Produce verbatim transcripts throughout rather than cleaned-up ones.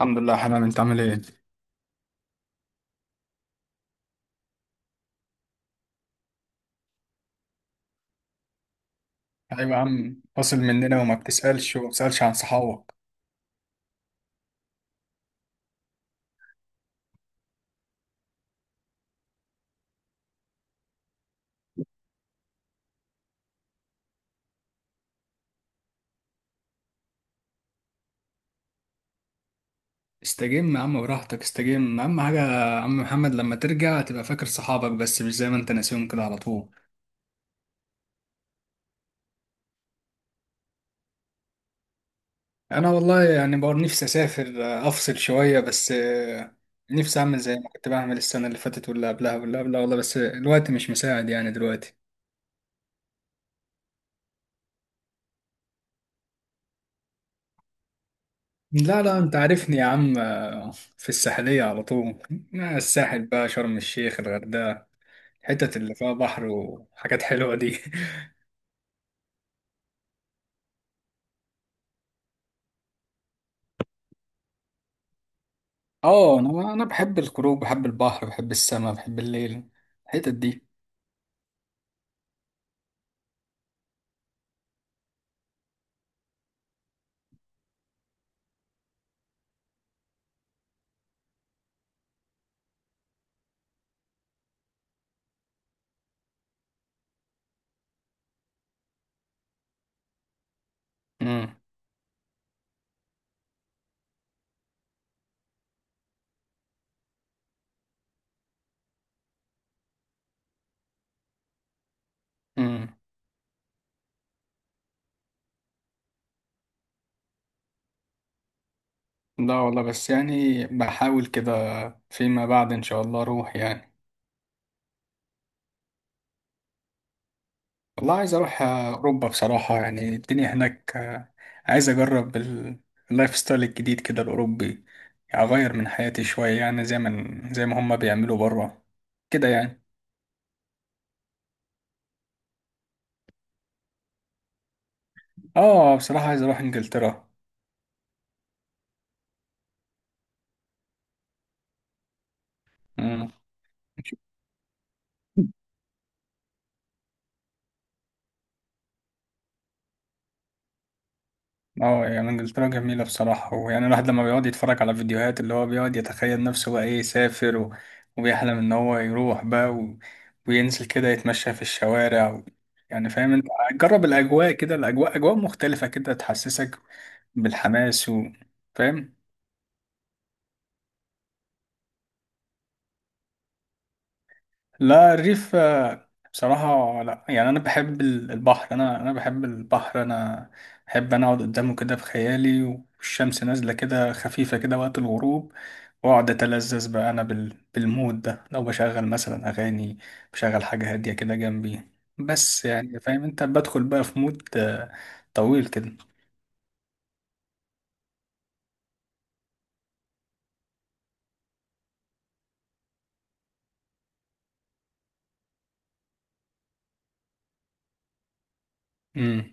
الحمد لله يا حنان، انت عامل ايه؟ ايوه يا عم، فاصل مننا وما بتسألش وما بتسألش عن صحابك. استجم يا عم براحتك، استجم. اهم حاجة يا عم محمد، لما ترجع تبقى فاكر صحابك، بس مش زي ما انت ناسيهم كده على طول. انا والله يعني بقى نفسي اسافر، آه، افصل شوية بس. آه، نفسي اعمل زي ما كنت بعمل السنة اللي فاتت واللي قبلها واللي قبلها، والله بس الوقت مش مساعد يعني دلوقتي. لا لا، انت عارفني يا عم. آه، في الساحلية على طول. آه، الساحل بقى، شرم الشيخ، الغردقة، الحتت اللي فيها بحر وحاجات حلوة دي. اه، انا انا بحب الخروج، بحب البحر، بحب السماء، بحب الليل، الحتت دي. امم. امم. لا والله، بس يعني بحاول كده فيما بعد ان شاء الله اروح يعني. والله عايز اروح اوروبا بصراحة، يعني الدنيا هناك. آه، عايز اجرب ال- اللايف ستايل الجديد كده، الاوروبي. اغير من حياتي شوية، يعني زي ما زي ما هما بيعملوا بره كده يعني. اه بصراحة، عايز اروح انجلترا. امم. اه يعني انجلترا جميلة بصراحة، ويعني الواحد لما بيقعد يتفرج على فيديوهات، اللي هو بيقعد يتخيل نفسه بقى ايه، يسافر، و... وبيحلم ان هو يروح بقى، و... وينزل كده يتمشى في الشوارع، و... يعني فاهم انت. جرب الاجواء كده، الاجواء اجواء مختلفة كده تحسسك بالحماس، و... فاهم. لا، الريف آه، بصراحة لا يعني، انا بحب ال- البحر، انا انا بحب البحر، انا بحب انا اقعد قدامه كده في خيالي، والشمس نازلة كده خفيفة كده وقت الغروب، واقعد اتلذذ بقى انا بال... بالمود ده، لو بشغل مثلا اغاني، بشغل حاجه هاديه كده جنبي، بس يعني فاهم انت، بدخل بقى في مود آه، طويل كده. امم.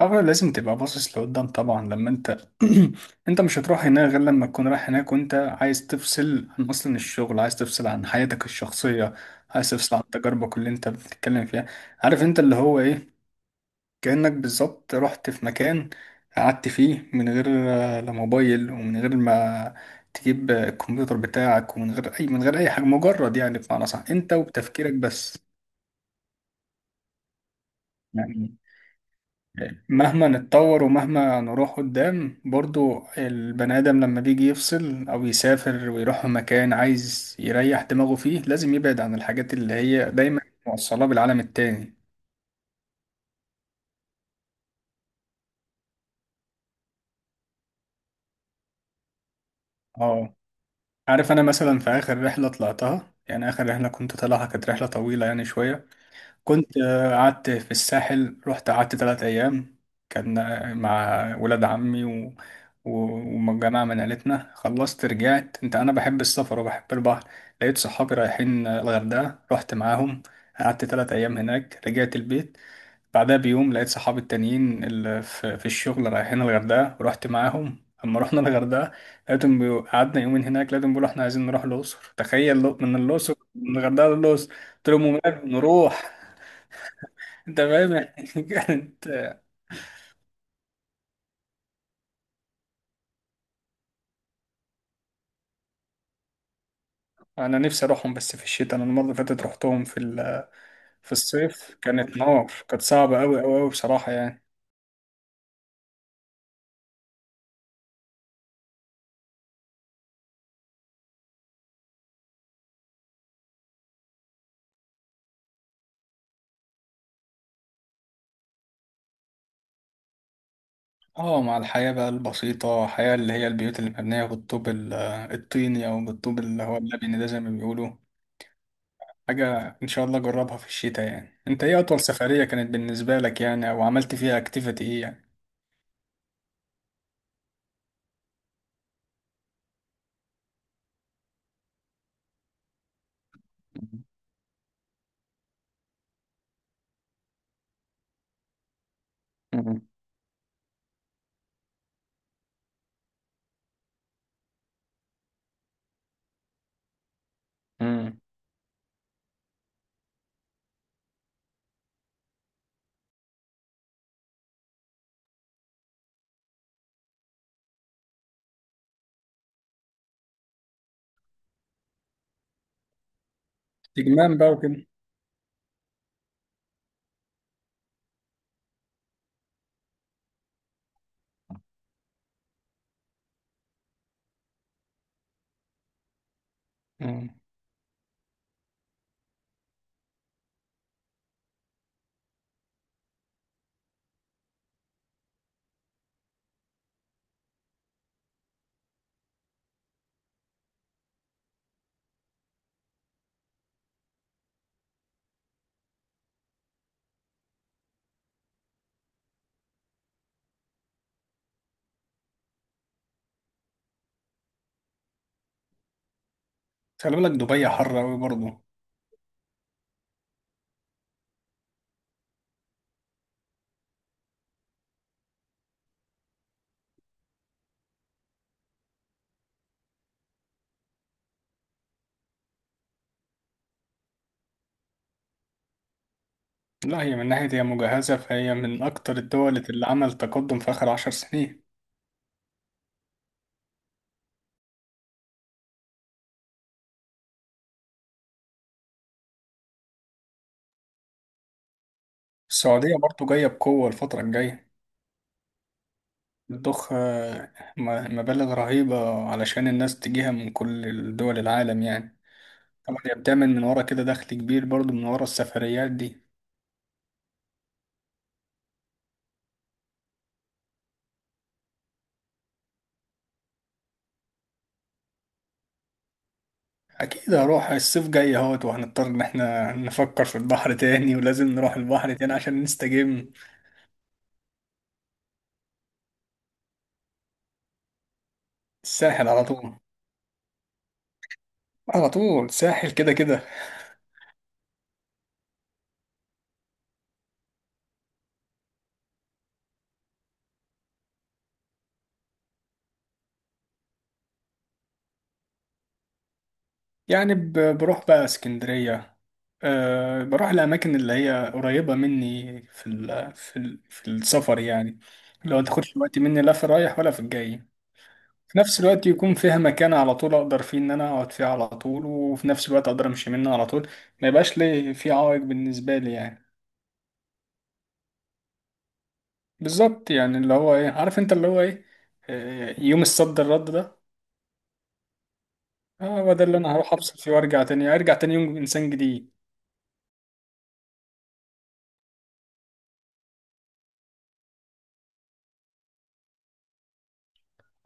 اول لازم تبقى باصص لقدام طبعا، لما انت انت مش هتروح هناك غير لما تكون رايح هناك وانت عايز تفصل عن اصلا الشغل، عايز تفصل عن حياتك الشخصيه، عايز تفصل عن تجاربك اللي انت بتتكلم فيها، عارف انت اللي هو ايه، كأنك بالظبط رحت في مكان، قعدت فيه من غير آه، لا موبايل، ومن غير ما تجيب آه، الكمبيوتر بتاعك، ومن غير أي من غير أي حاجة، مجرد يعني بمعنى صح، أنت وبتفكيرك بس، يعني. آه، مهما نتطور ومهما نروح قدام، برضو البني آدم لما بيجي يفصل أو يسافر ويروح مكان عايز يريح دماغه فيه، لازم يبعد عن الحاجات اللي هي دايما موصلاه بالعالم التاني. اه، عارف، انا مثلا في اخر رحله طلعتها، يعني اخر رحله كنت طالعها كانت رحله طويله يعني شويه. كنت آه، قعدت في الساحل، رحت قعدت ثلاث ايام، كان آه، مع ولاد عمي و... و- وجماعه من عيلتنا. خلصت رجعت، انت انا بحب السفر وبحب البحر. لقيت صحابي رايحين آه، الغردقه، رحت معاهم، قعدت ثلاث ايام هناك، رجعت البيت. بعدها بيوم لقيت صحابي التانيين اللي في, في الشغل رايحين الغردقة، ورحت معاهم. اما رحنا الغردقة لقيتهم بيقو- قعدنا يومين هناك، لقيتهم بيقولوا احنا عايزين نروح الأقصر. تخيل لو- من الأقصر، من الغردقة للأقصر، قلت لهم وماله نروح. انت فاهم يعني كانت. انا نفسي اروحهم بس في الشتاء، انا المرة اللي فاتت رحتهم في ال... في الصيف، كانت نار، كانت صعبة أوي أوي أوي بصراحة يعني. اه، مع الحياة بقى البسيطة، حياة اللي هي البيوت اللي مبنية بالطوب ال- الطيني، أو بالطوب اللي هو اللبني ده زي ما بيقولوا. حاجة إن شاء الله أجربها في الشتاء يعني. أنت إيه أطول سفرية كانت بالنسبة لك يعني، أو عملت فيها أكتيفيتي إيه يعني؟ مم. مم. استجمام بقى وكده. مم. خلي بالك، دبي حر أوي برضه. لا هي من ناحية هي مجهزة، فهي من أكتر الدول اللي عمل تقدم في آخر عشر سنين. السعودية برضه جاية بقوة الفترة الجاية، بتضخ آه، م- مبالغ رهيبة علشان الناس تجيها من كل دول العالم يعني. طبعا هي بتعمل من ورا كده دخل كبير برضه من ورا السفريات دي. اكيد هروح الصيف جاي اهوت، وهنضطر ان احنا نفكر في البحر تاني، ولازم نروح البحر تاني عشان نستجم. الساحل على طول. على طول ساحل كده كده. يعني ب- بروح بقى اسكندرية. أه، بروح الأماكن اللي هي قريبة مني في ال في ال في السفر يعني، لو تاخدش وقت مني لا في رايح ولا في الجاي. في نفس الوقت يكون فيها مكان على طول أقدر فيه إن أنا أقعد فيه على طول، وفي نفس الوقت أقدر أمشي منه على طول، ما يبقاش لي في عوائق بالنسبة لي يعني. بالظبط يعني اللي هو ايه، عارف انت اللي هو ايه، آه، يوم الصد الرد ده. اه هو ده اللي انا هروح افصل فيه وارجع تاني، ارجع تاني يوم انسان جديد.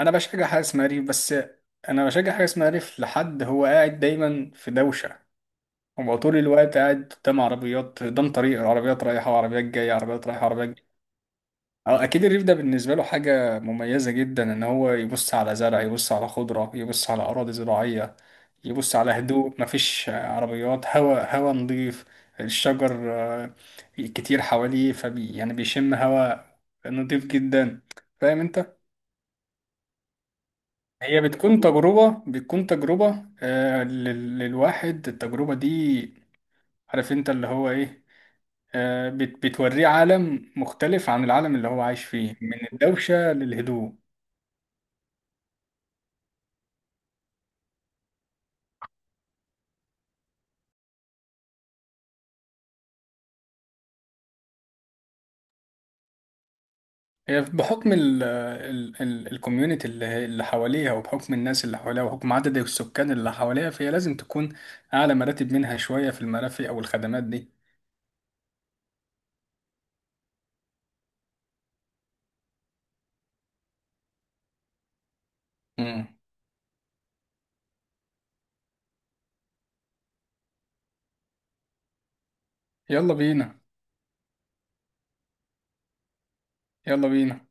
انا بشجع حاجه اسمها ريف بس. انا بشجع حاجه اسمها ريف، لحد هو قاعد دايما في دوشه، هو طول الوقت قاعد قدام عربيات، قدام طريق العربيات رايحه وعربيات جايه، عربيات رايحه وعربيات. اه اكيد الريف ده بالنسبه له حاجه مميزه جدا، ان هو يبص على زرع، يبص على خضره، يبص على اراضي زراعيه، يبص على هدوء، مفيش عربيات، هواء، هواء نظيف، الشجر آه، كتير حواليه، فبي يعني بيشم هواء نظيف جدا، فاهم انت. هي بتكون تجربه بتكون تجربه آه، لل- للواحد، التجربه دي، عارف انت اللي هو ايه، آه، بت- بتوريه عالم مختلف عن العالم اللي هو عايش فيه، من الدوشه للهدوء. هي بحكم ال ال ال الكوميونتي اللي هي- اللي حواليها، وبحكم الناس اللي حواليها، وبحكم عدد السكان اللي حواليها، فهي لازم تكون أعلى مراتب منها شوية في المرافق أو الخدمات دي. مم. يلا بينا. يلا بينا.